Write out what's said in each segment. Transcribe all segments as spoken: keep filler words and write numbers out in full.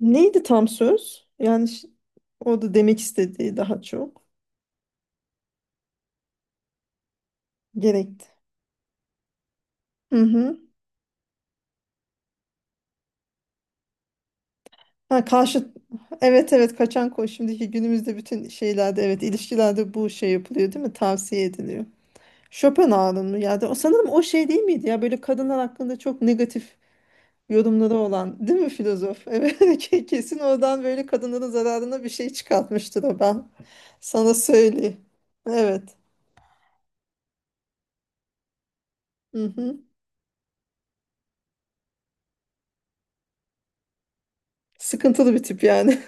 Neydi tam söz? Yani ş- o da demek istediği daha çok. Gerekti. Hı hı. Ha, karşı evet evet kaçan koş. Şimdiki günümüzde bütün şeylerde evet ilişkilerde bu şey yapılıyor değil mi? Tavsiye ediliyor. Schopenhauer'ın mı ya? da- O sanırım o şey değil miydi ya? Böyle kadınlar hakkında çok negatif yorumları olan değil mi filozof? Evet ke- kesin oradan böyle kadınların zararına bir şey çıkartmıştır o ben. Sana söyleyeyim. Evet. Hı hı. Sıkıntılı bir tip yani.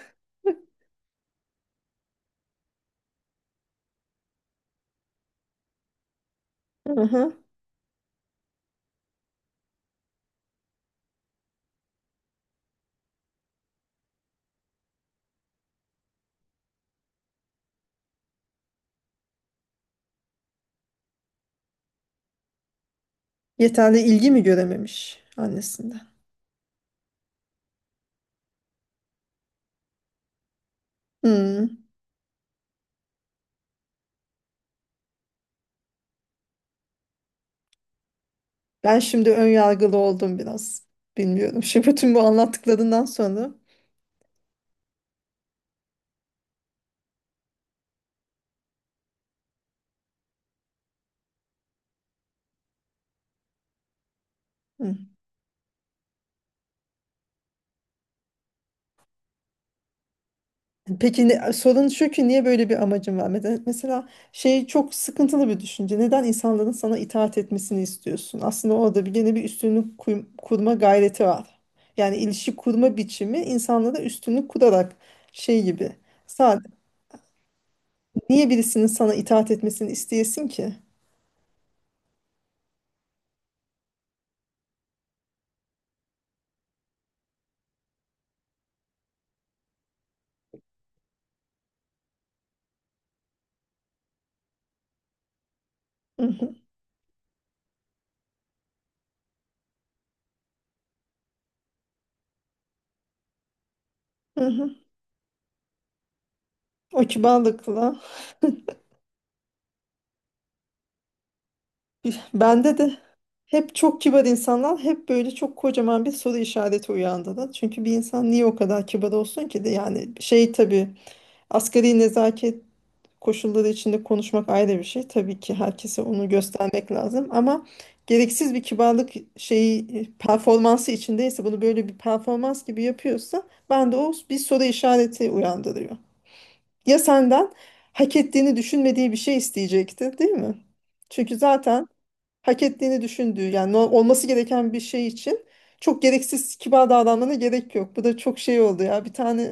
Hı hı. Yeterli ilgi mi görememiş annesinden? Hmm. Ben şimdi ön yargılı oldum biraz. Bilmiyorum. Şimdi bütün bu anlattıklarından sonra. Hmm. Peki ne, sorun şu ki niye böyle bir amacın var? Mete- Mesela şey çok sıkıntılı bir düşünce. Neden insanların sana itaat etmesini istiyorsun? Aslında orada bir gene bir üstünlük kuy- kurma gayreti var. Yani ilişki kurma biçimi insanlara üstünlük kurarak şey gibi. Sadece niye birisinin sana itaat etmesini isteyesin ki? Hı hı. Hı hı. O kibarlıkla. Bende de hep çok kibar insanlar hep böyle çok kocaman bir soru işareti uyandırır. Çünkü bir insan niye o kadar kibar olsun ki de yani şey tabii asgari nezaket koşulları içinde konuşmak ayrı bir şey. Tabii ki herkese onu göstermek lazım ama gereksiz bir kibarlık şeyi performansı içindeyse bunu böyle bir performans gibi yapıyorsa ben de o bir soru işareti uyandırıyor. Ya senden hak ettiğini düşünmediği bir şey isteyecekti, değil mi? Çünkü zaten hak ettiğini düşündüğü yani no- olması gereken bir şey için çok gereksiz kibar davranmana gerek yok. Bu da çok şey oldu ya. Bir tane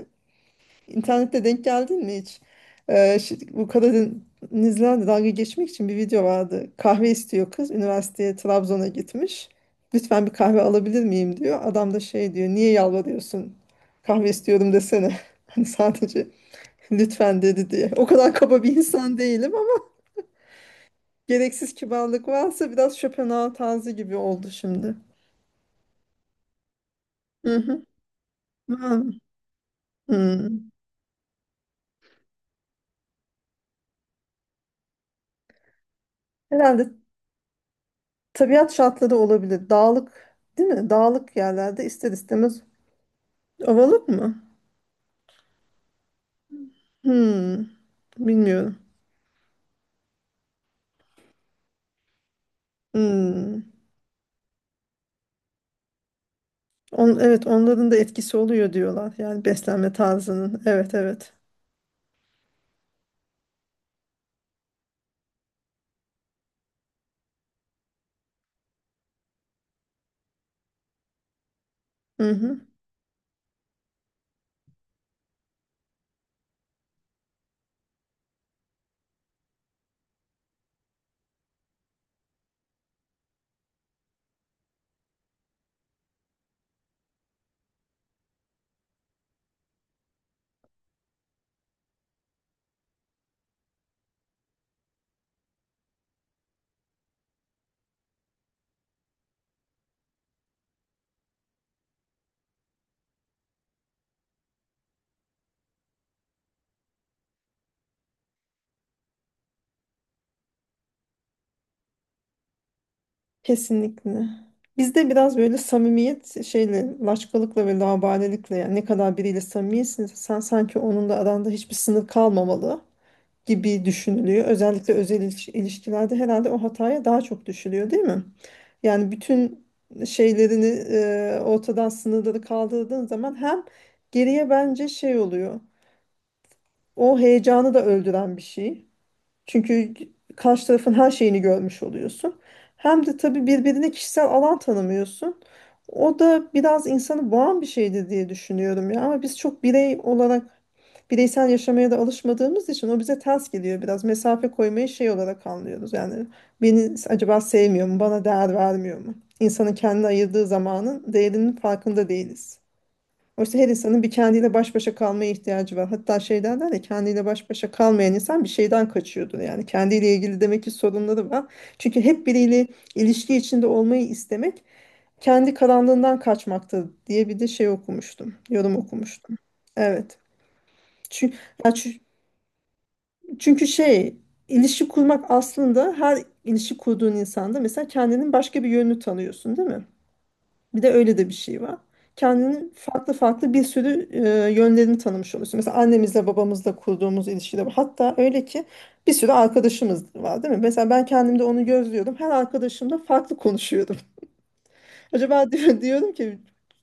internette denk geldin mi hiç? Ee, şi- bu Karadenizlerle dalga geçmek için bir video vardı. Kahve istiyor kız. Üniversiteye Trabzon'a gitmiş. Lütfen bir kahve alabilir miyim diyor. Adam da şey diyor. Niye yalvarıyorsun? Kahve istiyorum desene. Hani sadece lütfen dedi diye. O kadar kaba bir insan değilim ama gereksiz kibarlık varsa biraz Schopenhauer tarzı gibi oldu şimdi. Hı hı. Hı. Hı. Herhalde tabiat şartları olabilir. Dağlık, değil mi? Dağlık yerlerde ister istemez ovalık mı? Hı. Bilmiyorum. Hı. On, evet onların da etkisi oluyor diyorlar. Yani beslenme tarzının. Evet, evet. Hı hı. Kesinlikle. Bizde biraz böyle samimiyet şeyle, laçkalıkla ve laubalilikle yani ne kadar biriyle samimiyesin sen sanki onun da aranda hiçbir sınır kalmamalı gibi düşünülüyor. Özellikle özel iliş- ilişkilerde herhalde o hataya daha çok düşülüyor değil mi? Yani bütün şeylerini e, ortadan sınırları kaldırdığın zaman hem geriye bence şey oluyor. O heyecanı da öldüren bir şey. Çünkü karşı tarafın her şeyini görmüş oluyorsun. Hem de tabii birbirine kişisel alan tanımıyorsun. O da biraz insanı boğan bir şeydir diye düşünüyorum ya. Ama biz çok birey olarak bireysel yaşamaya da alışmadığımız için o bize ters geliyor biraz. Mesafe koymayı şey olarak anlıyoruz. Yani beni acaba sevmiyor mu, bana değer vermiyor mu? İnsanın kendine ayırdığı zamanın değerinin farkında değiliz. Oysa her insanın bir kendiyle baş başa kalmaya ihtiyacı var. Hatta şey derler ya kendiyle baş başa kalmayan insan bir şeyden kaçıyordur. Yani kendiyle ilgili demek ki sorunları var. Çünkü hep biriyle ilişki içinde olmayı istemek kendi karanlığından kaçmaktır diye bir de şey okumuştum. Yorum okumuştum. Evet. Çünkü, çünkü şey ilişki kurmak aslında her ilişki kurduğun insanda mesela kendinin başka bir yönünü tanıyorsun değil mi? Bir de öyle de bir şey var. Kendinin farklı farklı bir sürü e, yönlerini tanımış oluyorsun. Mesela annemizle babamızla kurduğumuz ilişkide var. Hatta öyle ki bir sürü arkadaşımız var değil mi? Mesela ben kendimde onu gözlüyordum. Her arkadaşımla farklı konuşuyordum. Acaba diyor, diyorum ki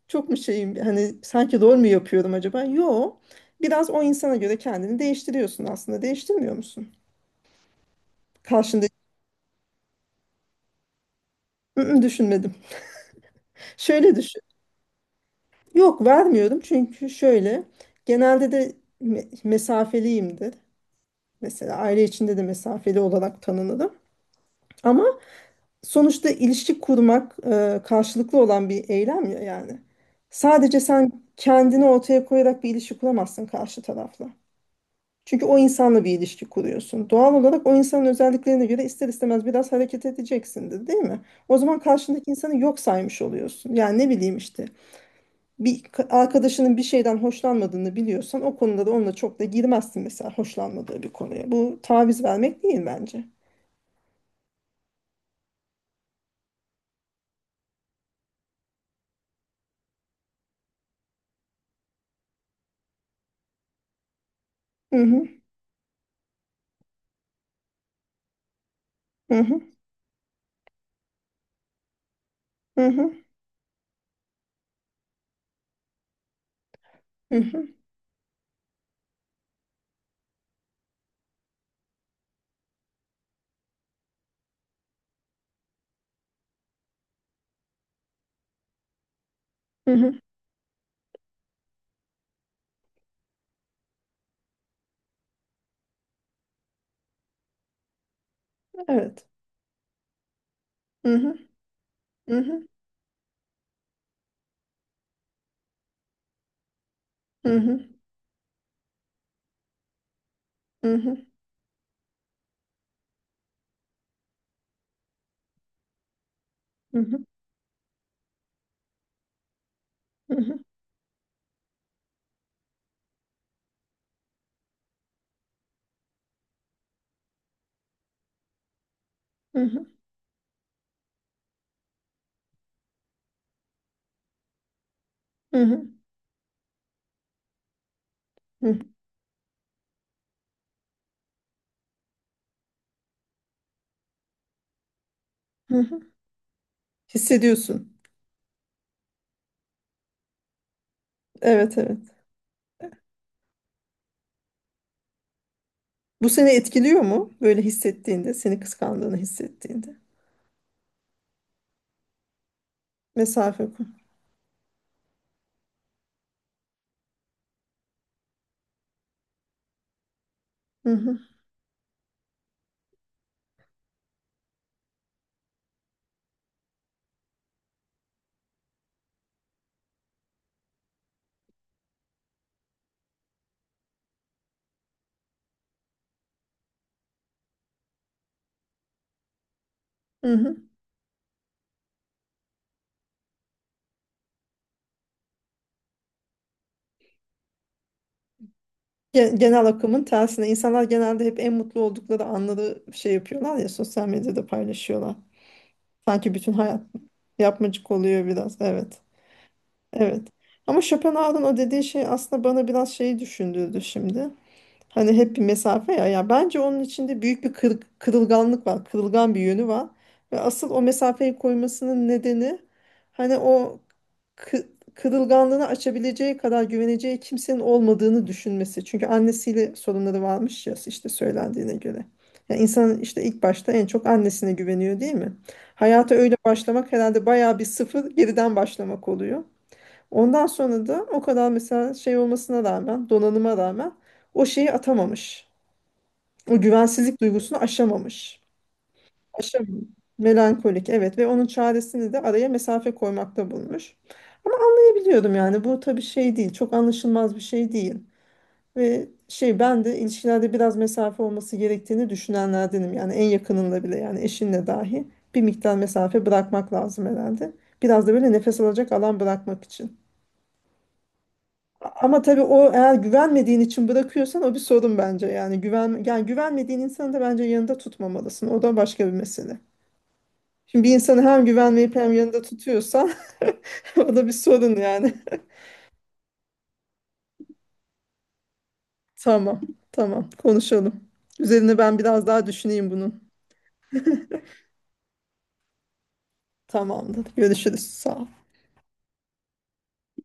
çok mu şeyim hani sanki rol mü yapıyorum acaba? Yo. Biraz o insana göre kendini değiştiriyorsun aslında. Değiştirmiyor musun? Karşında hı hı, düşünmedim. Şöyle düşün. Yok, vermiyorum çünkü şöyle. Genelde de me- mesafeliyimdir. Mesela aile içinde de mesafeli olarak tanınırım. Ama sonuçta ilişki kurmak e, karşılıklı olan bir eylem ya yani. Sadece sen kendini ortaya koyarak bir ilişki kuramazsın karşı tarafla. Çünkü o insanla bir ilişki kuruyorsun. Doğal olarak o insanın özelliklerine göre ister istemez biraz hareket edeceksindir, değil mi? O zaman karşındaki insanı yok saymış oluyorsun. Yani ne bileyim işte bir ka- arkadaşının bir şeyden hoşlanmadığını biliyorsan o konuda da onunla çok da girmezsin mesela hoşlanmadığı bir konuya. Bu taviz vermek değil bence. Hı hı, hı hı, hı hı, hı hı, hı hı. Evet. Hı hı, hı hı, hı hı, hı hı, hı hı, hı hı, hı hı, hı hı, hı hı, hı hı. Hissediyorsun. Evet, evet. Bu seni etkiliyor mu? Böyle hissettiğinde, seni kıskandığını hissettiğinde. Mesafe koy. Hı hı, hı hı. Gen- Genel akımın tersine. İnsanlar genelde hep en mutlu oldukları anları şey yapıyorlar ya, sosyal medyada paylaşıyorlar. Sanki bütün hayat yapmacık oluyor biraz. Evet. Evet. Ama Schopenhauer'ın o dediği şey aslında bana biraz şeyi düşündürdü şimdi. Hani hep bir mesafe ya. Ya bence onun içinde büyük bir kır- kırılganlık var. Kırılgan bir yönü var. Ve asıl o mesafeyi koymasının nedeni hani o kı- kırılganlığını açabileceği kadar güveneceği kimsenin olmadığını düşünmesi. Çünkü annesiyle sorunları varmış ya işte söylendiğine göre. Ya insan işte ilk başta en çok annesine güveniyor değil mi? Hayata öyle başlamak herhalde bayağı bir sıfır geriden başlamak oluyor. Ondan sonra da o kadar mesela şey olmasına rağmen, donanıma rağmen o şeyi atamamış. O güvensizlik duygusunu aşamamış. Aşamamış. Melankolik, evet, ve onun çaresini de araya mesafe koymakta bulmuş. Ama anlayabiliyorum yani bu tabii şey değil, çok anlaşılmaz bir şey değil. Ve şey ben de ilişkilerde biraz mesafe olması gerektiğini düşünenlerdenim. Yani en yakınında bile yani eşinle dahi bir miktar mesafe bırakmak lazım herhalde. Biraz da böyle nefes alacak alan bırakmak için. Ama tabii o eğer güvenmediğin için bırakıyorsan o bir sorun bence. Yani güven yani güvenmediğin insanı da bence yanında tutmamalısın. O da başka bir mesele. Şimdi bir insanı hem güvenmeyip hem yanında tutuyorsan o da bir sorun yani. Tamam. Tamam. Konuşalım. Üzerine ben biraz daha düşüneyim bunun. Tamamdır. Görüşürüz. Sağ ol.